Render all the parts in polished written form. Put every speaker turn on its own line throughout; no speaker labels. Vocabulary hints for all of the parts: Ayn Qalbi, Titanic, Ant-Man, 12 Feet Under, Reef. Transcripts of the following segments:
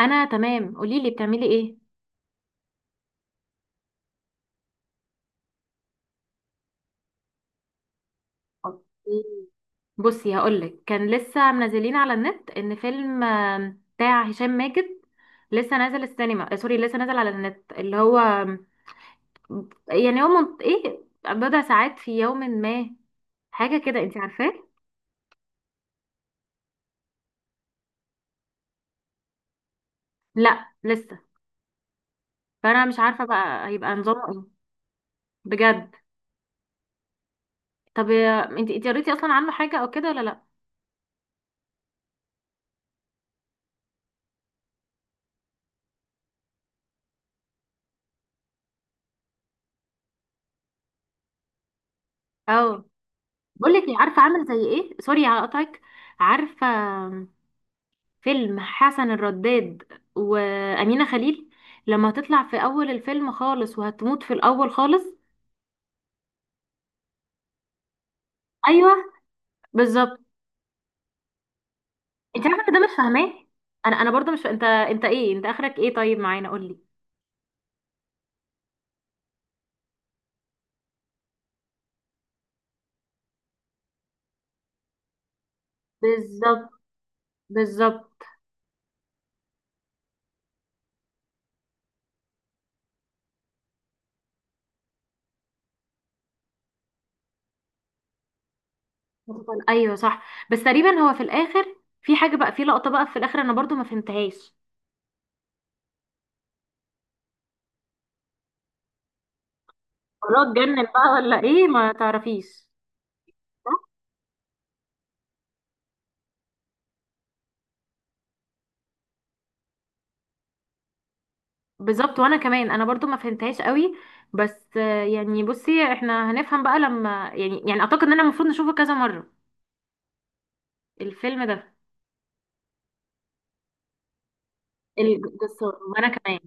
انا تمام، قولي لي بتعملي ايه؟ اوكي. بصي، هقولك كان لسه منزلين على النت ان فيلم بتاع هشام ماجد لسه نازل السينما، سوري، لسه نازل على النت اللي هو يعني هو ايه، بضع ساعات في يوم ما، حاجه كده، انت عارفاه. لا لسه. فانا مش عارفه بقى هيبقى نظامه ايه. بجد. طب انت قريتي اصلا عنه حاجه او كده ولا لا؟ اه، بقولك إيه، عارفه عامل زي ايه؟ سوري على قطعك. عارفه فيلم حسن الرداد وأمينة خليل لما هتطلع في أول الفيلم خالص وهتموت في الأول خالص؟ أيوه، بالظبط. أنت عارفة إن ده مش فاهماه؟ أنا أنا برضه مش فا... أنت إيه، أنت آخرك إيه طيب معانا؟ قولي. بالظبط، بالظبط. أيوه صح. بس تقريبا هو في الآخر في حاجة بقى، في لقطة بقى في الآخر أنا برضه ما فهمتهاش. مرات اتجنن بقى ولا إيه ما تعرفيش؟ بالظبط، وانا كمان انا برضو ما فهمتهاش قوي. بس يعني بصي، احنا هنفهم بقى لما يعني اعتقد ان انا المفروض نشوفه كذا مرة الفيلم ده. الجسار، وانا كمان.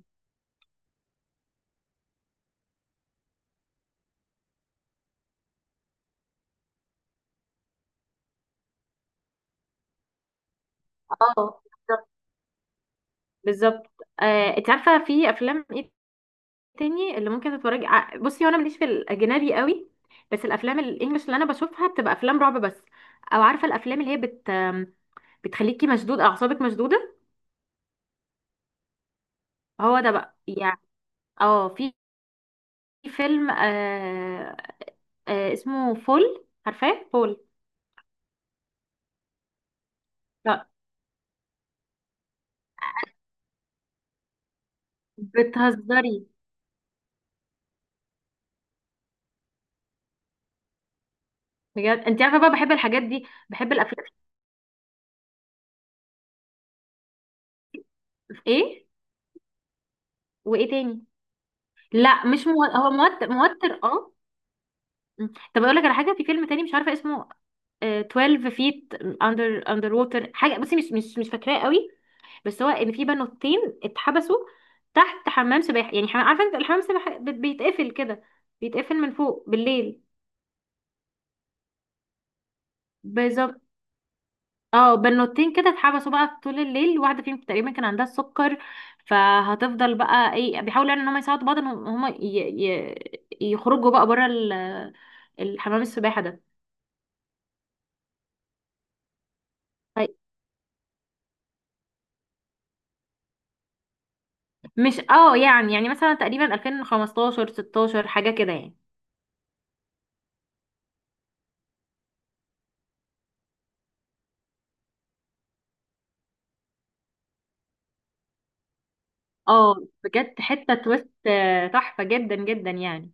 اه، بالظبط، بالظبط. انت عارفة في افلام ايه تاني اللي ممكن تتفرجي بصي وانا ماليش في الاجنبي قوي. بس الافلام الانجليش اللي انا بشوفها بتبقى افلام رعب بس، او عارفة الافلام اللي هي بتخليكي مشدود، اعصابك مشدودة، هو ده بقى يعني. اه، في فيلم، اسمه فول، عارفاه فول؟ لا. بتهزري؟ بجد انت عارفه بقى، بحب الحاجات دي، بحب الافلام. ايه وايه تاني؟ لا مش هو موتر موتر اه. م. طب اقول لك على حاجه، في فيلم تاني مش عارفه اسمه، 12 فيت اندر ووتر، حاجه، بصي مش فاكراه قوي. بس هو ان في بنوتين اتحبسوا تحت حمام سباحه، يعني حمام، عارفه انت الحمام السباحه بيتقفل كده، بيتقفل من فوق بالليل. بالظبط، اه، بنوتين كده اتحبسوا بقى طول الليل، واحده فيهم تقريبا كان عندها السكر، فهتفضل بقى ايه بيحاولوا يعني ان هم يساعدوا بعض، ان هم يخرجوا بقى بره الحمام السباحه ده. طيب. مش اه، يعني مثلا تقريبا 2015 16 حاجه كده يعني. اه، بجد حته تويست تحفه جدا جدا يعني.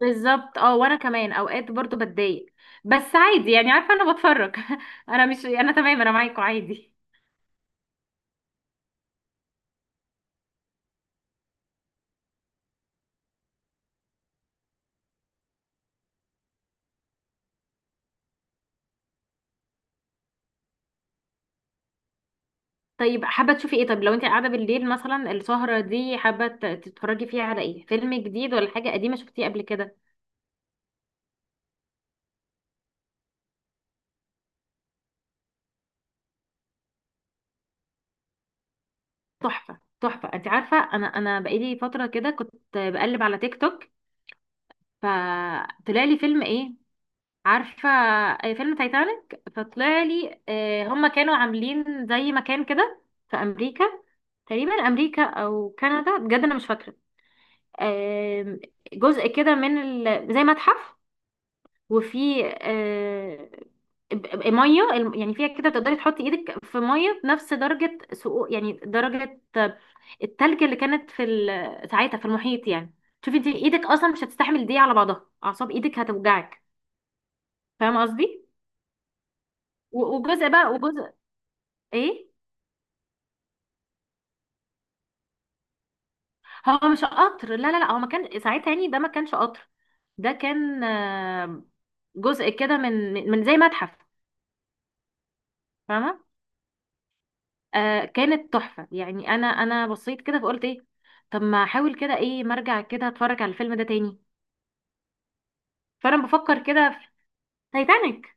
بالظبط، اه، وانا كمان اوقات برضو بتضايق، بس عادي يعني. عارفه انا بتفرج انا مش انا تمام، انا معاكوا عادي. طيب، حابة تشوفي ايه؟ طب لو انت قاعدة بالليل مثلا السهرة دي، حابة تتفرجي فيها على ايه؟ فيلم جديد ولا حاجة قديمة شفتيه قبل كده؟ تحفة تحفة. انت عارفة انا بقالي فترة كده كنت بقلب على تيك توك، فطلع لي فيلم ايه؟ عارفة فيلم تايتانيك. فطلع لي هما كانوا عاملين زي مكان كده في امريكا، تقريبا امريكا او كندا، بجد انا مش فاكرة، آم، جزء كده من زي متحف، وفي ميه، يعني فيها كده تقدري تحطي ايدك في ميه بنفس درجه سقوط، يعني درجه التلج اللي كانت في ساعتها في المحيط يعني. شوفي انت ايدك اصلا مش هتستحمل دي على بعضها، اعصاب ايدك هتوجعك، فاهمه قصدي؟ وجزء بقى، وجزء. ايه. هو مش قطر، لا لا لا، هو ما كان ساعتها يعني، ده ما كانش قطر، ده كان جزء كده من زي متحف، فاهمه؟ كانت تحفة يعني. انا بصيت كده فقلت ايه؟ طب ما احاول كده ايه، ما ارجع كده اتفرج على الفيلم ده تاني. فانا بفكر كده في تايتانيك.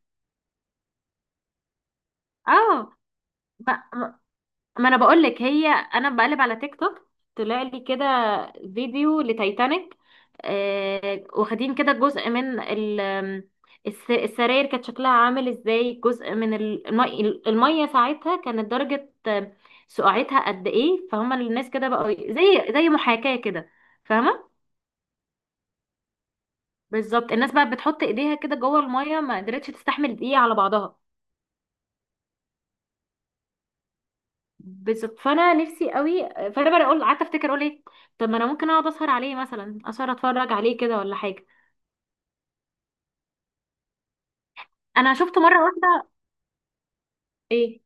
اه، ما ما انا بقول لك، هي انا بقلب على تيك توك، طلع لي كده فيديو لتايتانيك، واخدين كده جزء من ال السراير كانت شكلها عامل ازاي، جزء من المية ساعتها كانت درجة سقعتها قد ايه، فهم الناس كده بقوا زي محاكاة كده، فاهمة؟ بالظبط، الناس بقى بتحط ايديها كده جوه الميه، ما قدرتش تستحمل دقيقه على بعضها. بالظبط، فانا نفسي قوي، فانا بقى اقول قعدت افتكر اقول ايه، طب ما انا ممكن اقعد اسهر عليه مثلا، اسهر اتفرج عليه كده ولا حاجه. انا شفت مره واحده. ايه،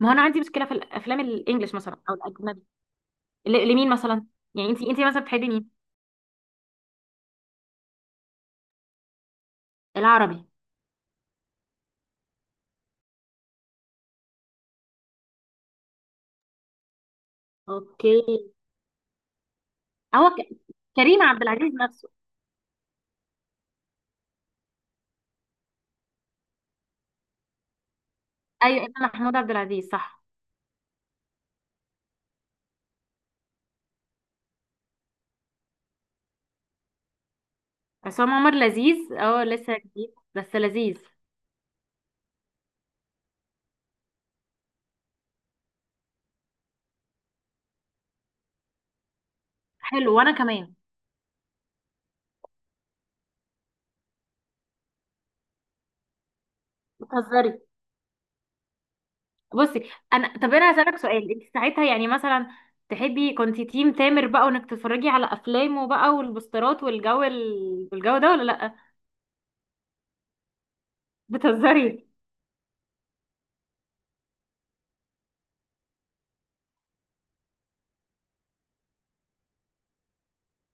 ما هو انا عندي مشكله في الافلام الانجليش مثلا او الاجنبي. لمين مثلا؟ يعني انت مثلا بتحبي مين؟ العربي. اوكي. هو كريم عبد العزيز نفسه؟ ايوه، إمام محمود عبد العزيز، صح؟ عصام عمر لذيذ، اه، لسه جديد بس لذيذ. حلو، وانا كمان. بتهزري؟ بصي انا، طب انا هسألك سؤال، انت ساعتها يعني مثلا، تحبي كنتي تيم تامر بقى، وانك تتفرجي على افلامه بقى والبوسترات والجو والجو ده ولا لا؟ بتهزري؟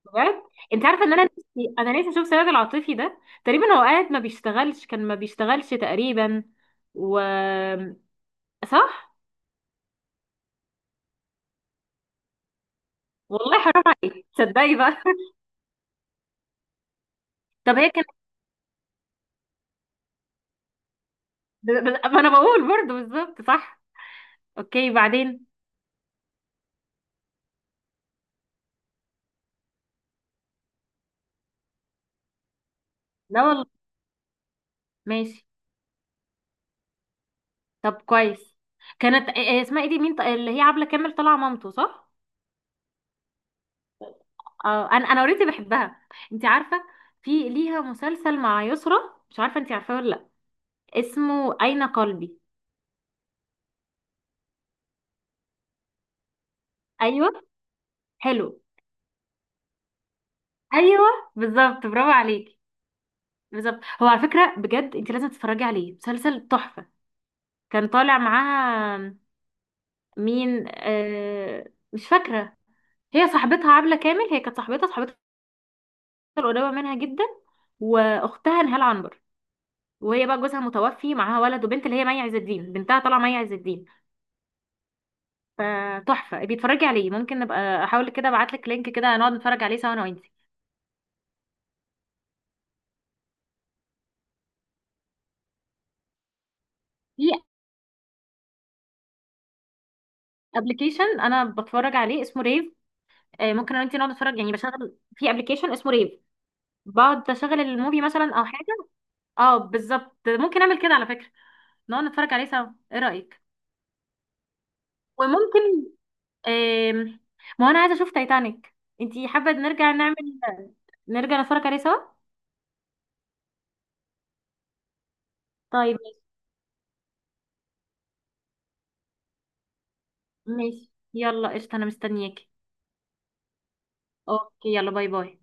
بجد انت عارفه ان انا نفسي، انا نفسي اشوف سيد العاطفي ده. تقريبا هو قاعد ما بيشتغلش، كان ما بيشتغلش تقريبا، و، صح. والله حرام عليك، تصدقي بقى. طب هي كانت ما انا بقول برضه بالظبط، صح. اوكي، بعدين. لا والله. ماشي. طب كويس. كانت إيه، اسمها ايه دي، مين، اللي هي عبلة كامل طالعة مامته، صح؟ اه، انا اوريدي بحبها. انت عارفة في ليها مسلسل مع يسرا؟ مش عارفة انت عارفاه ولا لا، اسمه أين قلبي. ايوه، حلو. ايوه، بالظبط، برافو عليكي. بالظبط، هو على فكرة بجد انت لازم تتفرجي عليه، مسلسل تحفة. كان طالع معاها مين، مش فاكرة. هي صاحبتها عبلة كامل، هي كانت صاحبتها القريبة منها جدا، واختها نهال عنبر، وهي بقى جوزها متوفي، معاها ولد وبنت، اللي هي مي عز الدين بنتها، طالعه مي عز الدين. فتحفه، بيتفرجي عليه، ممكن نبقى احاول كده ابعت لك لينك كده نقعد نتفرج عليه سوا انا وانتي. في ابلكيشن انا بتفرج عليه اسمه ريف، ممكن انا وانتي نقعد نتفرج يعني، بشغل في ابلكيشن اسمه ريف، بقعد اشغل الموفي مثلا او حاجه. اه، بالظبط، ممكن اعمل كده على فكره، نقعد نتفرج عليه سوا، ايه رايك؟ وممكن آم، ما هو انا عايزه اشوف تايتانيك. انتي حابه نرجع نعمل، نرجع نتفرج عليه سوا؟ طيب، ماشي، يلا قشطة، انا مستنياكي. اوكي، يلا، باي باي.